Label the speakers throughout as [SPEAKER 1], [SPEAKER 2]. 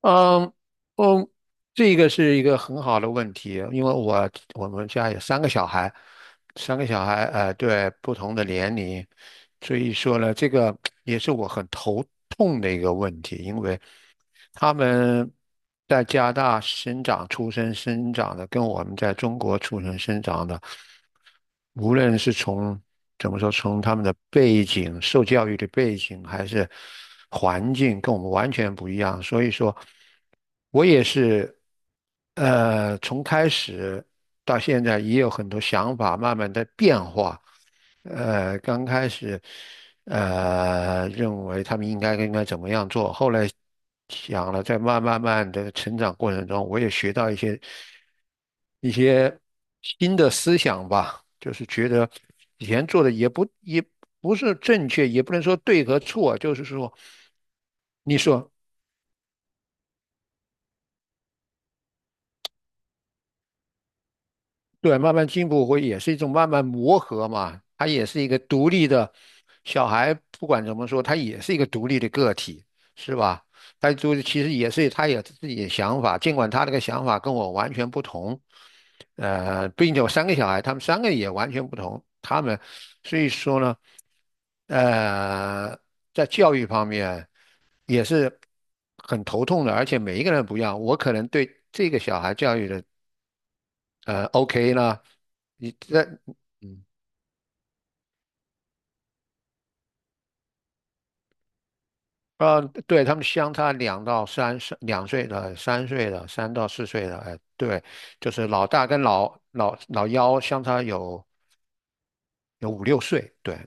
[SPEAKER 1] 嗯嗯，这个是一个很好的问题，因为我们家有三个小孩，三个小孩，对，不同的年龄，所以说呢，这个也是我很头痛的一个问题。他们在加拿大生长、出生、生长的，跟我们在中国出生、生长的，无论是从怎么说，从他们的背景、受教育的背景，还是环境，跟我们完全不一样。所以说，我也是，从开始到现在，也有很多想法慢慢在变化。刚开始认为他们应该怎么样做。后来想了，在慢慢慢的成长过程中，我也学到一些新的思想吧，就是觉得以前做的也不也不是正确，也不能说对和错，就是说，你说。对，慢慢进步会也是一种慢慢磨合嘛，他也是一个独立的小孩，不管怎么说，他也是一个独立的个体，是吧？他就其实也是他有自己的想法，尽管他那个想法跟我完全不同，并且我三个小孩，他们三个也完全不同，他们所以说呢，呃，在教育方面也是很头痛的，而且每一个人不一样，我可能对这个小孩教育的。OK 呢，你在嗯呃，对他们相差两到三岁，两岁的、三岁的、三到四岁的，哎，对，就是老大跟老幺相差有五六岁，对。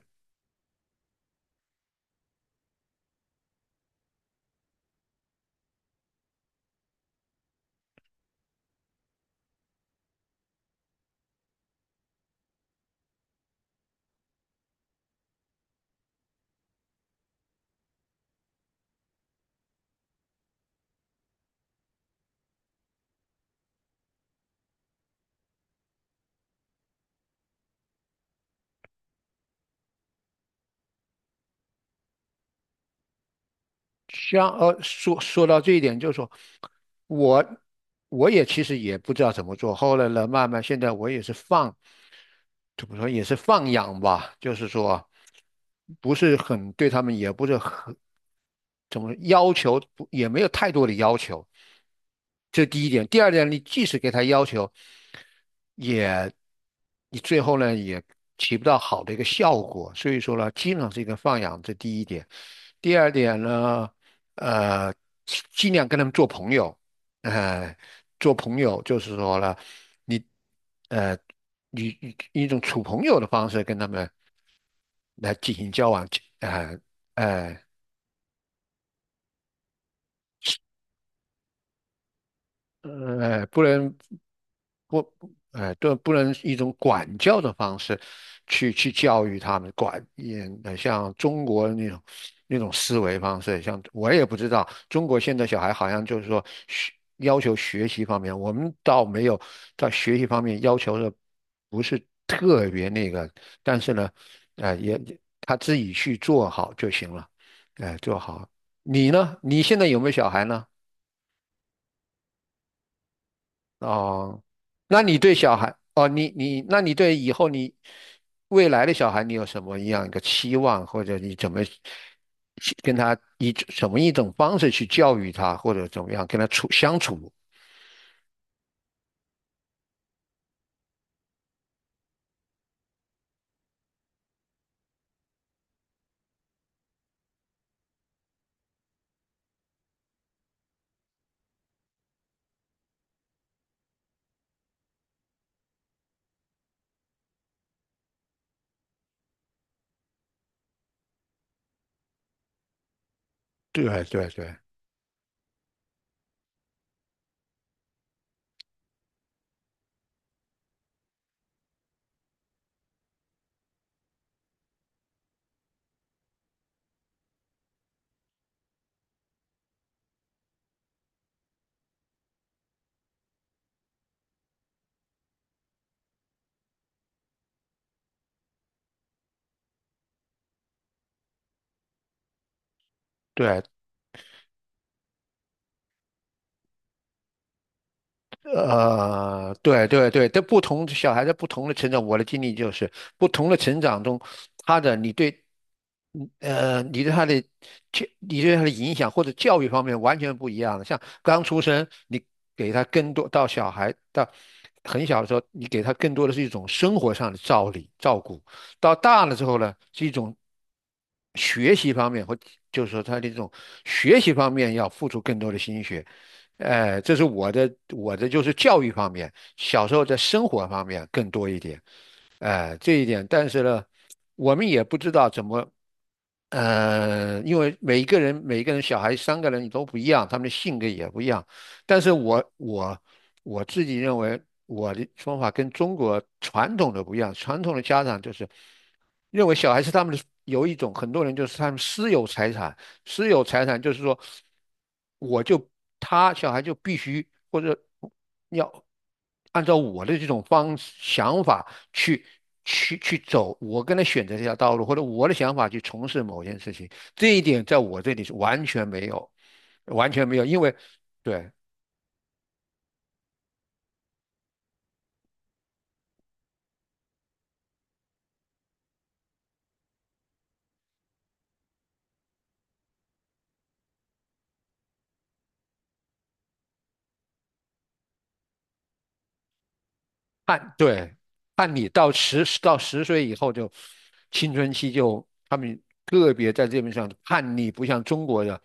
[SPEAKER 1] 像说到这一点，就是说我我也其实也不知道怎么做，后来呢，慢慢现在我也是放，怎么说也是放养吧，就是说不是很对他们，也不是很怎么说要求，不也没有太多的要求，这是第一点。第二点，你即使给他要求，也你最后呢也起不到好的一个效果。所以说呢，经常是一个放养，这第一点。第二点呢，呃，尽尽量跟他们做朋友，呃，做朋友就是说呢，你呃，以一种处朋友的方式跟他们来进行交往，呃呃。不能。不，哎，对，不能一种管教的方式去教育他们，管也像中国那种那种思维方式，像我也不知道，中国现在小孩好像就是说学要求学习方面，我们倒没有在学习方面要求的不是特别那个，但是呢，哎，也他自己去做好就行了，哎，做好。你呢？你现在有没有小孩呢？哦，那你对小孩，哦，你你，那你对以后你未来的小孩，你有什么样一个期望，或者你怎么去跟他以什么一种方式去教育他，或者怎么样跟他处相处？对对对对，对对对，在不同小孩在不同的成长，我的经历就是不同的成长中，他的你对，你对他的教，你对他的影响或者教育方面完全不一样的。像刚出生，你给他更多到小孩到很小的时候，你给他更多的是一种生活上的照理照顾；到大了之后呢，是一种学习方面或就是说他的这种学习方面要付出更多的心血。这是我的就是教育方面，小时候在生活方面更多一点，这一点。但是呢，我们也不知道怎么，因为每一个人小孩三个人都不一样，他们的性格也不一样。但是我我自己认为我的方法跟中国传统的不一样，传统的家长就是认为小孩是他们的有一种很多人就是他们私有财产，私有财产就是说，我就他小孩就必须或者要按照我的这种方式想法去去走，我跟他选择这条道路，或者我的想法去从事某件事情，这一点在我这里是完全没有，完全没有，因为对。按对，按理到十到十岁以后就青春期就他们个别在这边上叛逆，不像中国的，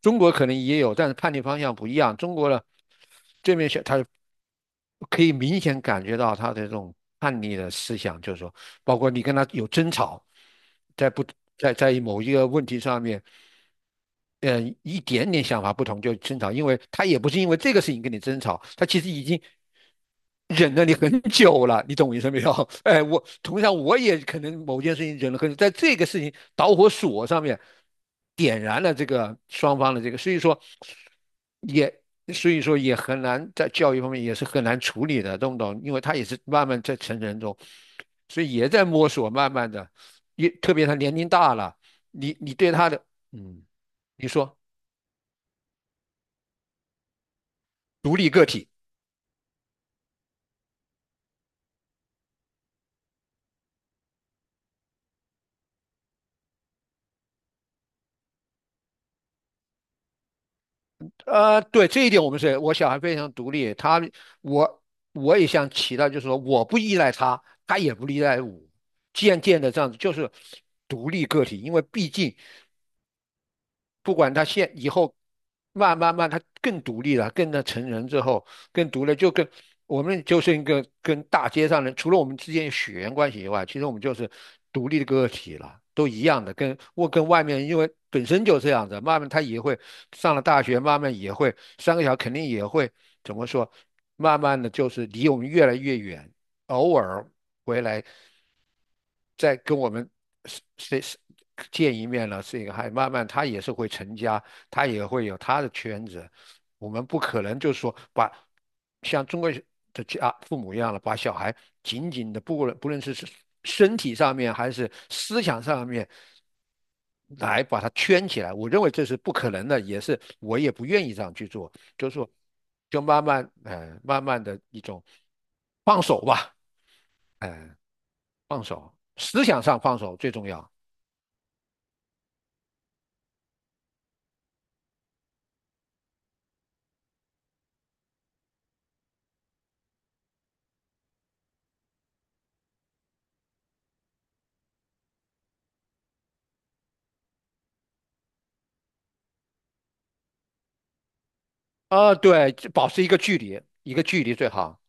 [SPEAKER 1] 中国可能也有，但是叛逆方向不一样。中国的可以明显感觉到他的这种叛逆的思想，就是说，包括你跟他有争吵，在不在在某一个问题上面，嗯，一点点想法不同就争吵，因为他也不是因为这个事情跟你争吵，他其实已经忍了你很久了，你懂我意思没有？哎，我同样我也可能某件事情忍了很久，在这个事情导火索上面。点燃了这个双方的这个，也所以说也很难在教育方面也是很难处理的，懂不懂？因为他也是慢慢在成人中，所以也在摸索，慢慢的，也特别他年龄大了，你你对他的，嗯，你说独立个体。对，这一点我们是，我小孩非常独立，他我我也想起到，就是说我不依赖他，他也不依赖我，渐渐的这样子就是独立个体，因为毕竟不管他现以后慢慢慢他更独立了，更的成人之后更独立，就跟我们就是一个跟大街上人，除了我们之间血缘关系以外，其实我们就是独立的个体了，都一样的，跟我跟外面因为本身就这样子，慢慢他也会上了大学，慢慢也会三个小孩肯定也会怎么说，慢慢的就是离我们越来越远，偶尔回来再跟我们是是见一面了，是一个还慢慢他也是会成家，他也会有他的圈子，我们不可能就是说把像中国的家父母一样的把小孩紧紧的，不论是身体上面还是思想上面。来把他圈起来，我认为这是不可能的，也是我也不愿意这样去做。就是说，就慢慢，慢慢的一种放手吧，嗯、呃放手，思想上放手最重要。啊，对，保持一个距离，一个距离最好。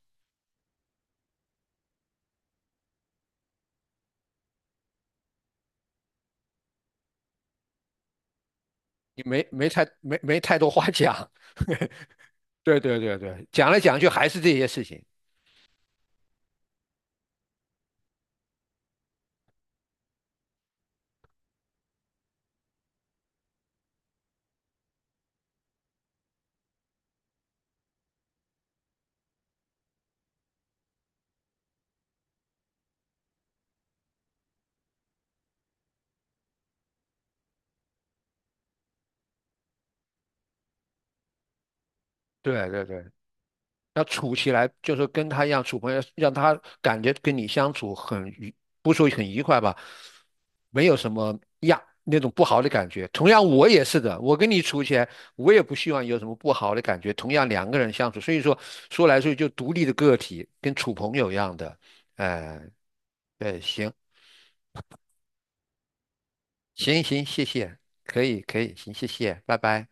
[SPEAKER 1] 你没太多话讲。对对对对，讲来讲去还是这些事情。对对对。要处起来，就是跟他一样处朋友，让他感觉跟你相处很愉，不说很愉快吧，没有什么呀那种不好的感觉。同样，我也是的，我跟你处起来，我也不希望有什么不好的感觉。同样，两个人相处，所以说说来说去就独立的个体，跟处朋友一样的。哎、对，行行行，谢谢，可以可以，行，谢谢，拜拜。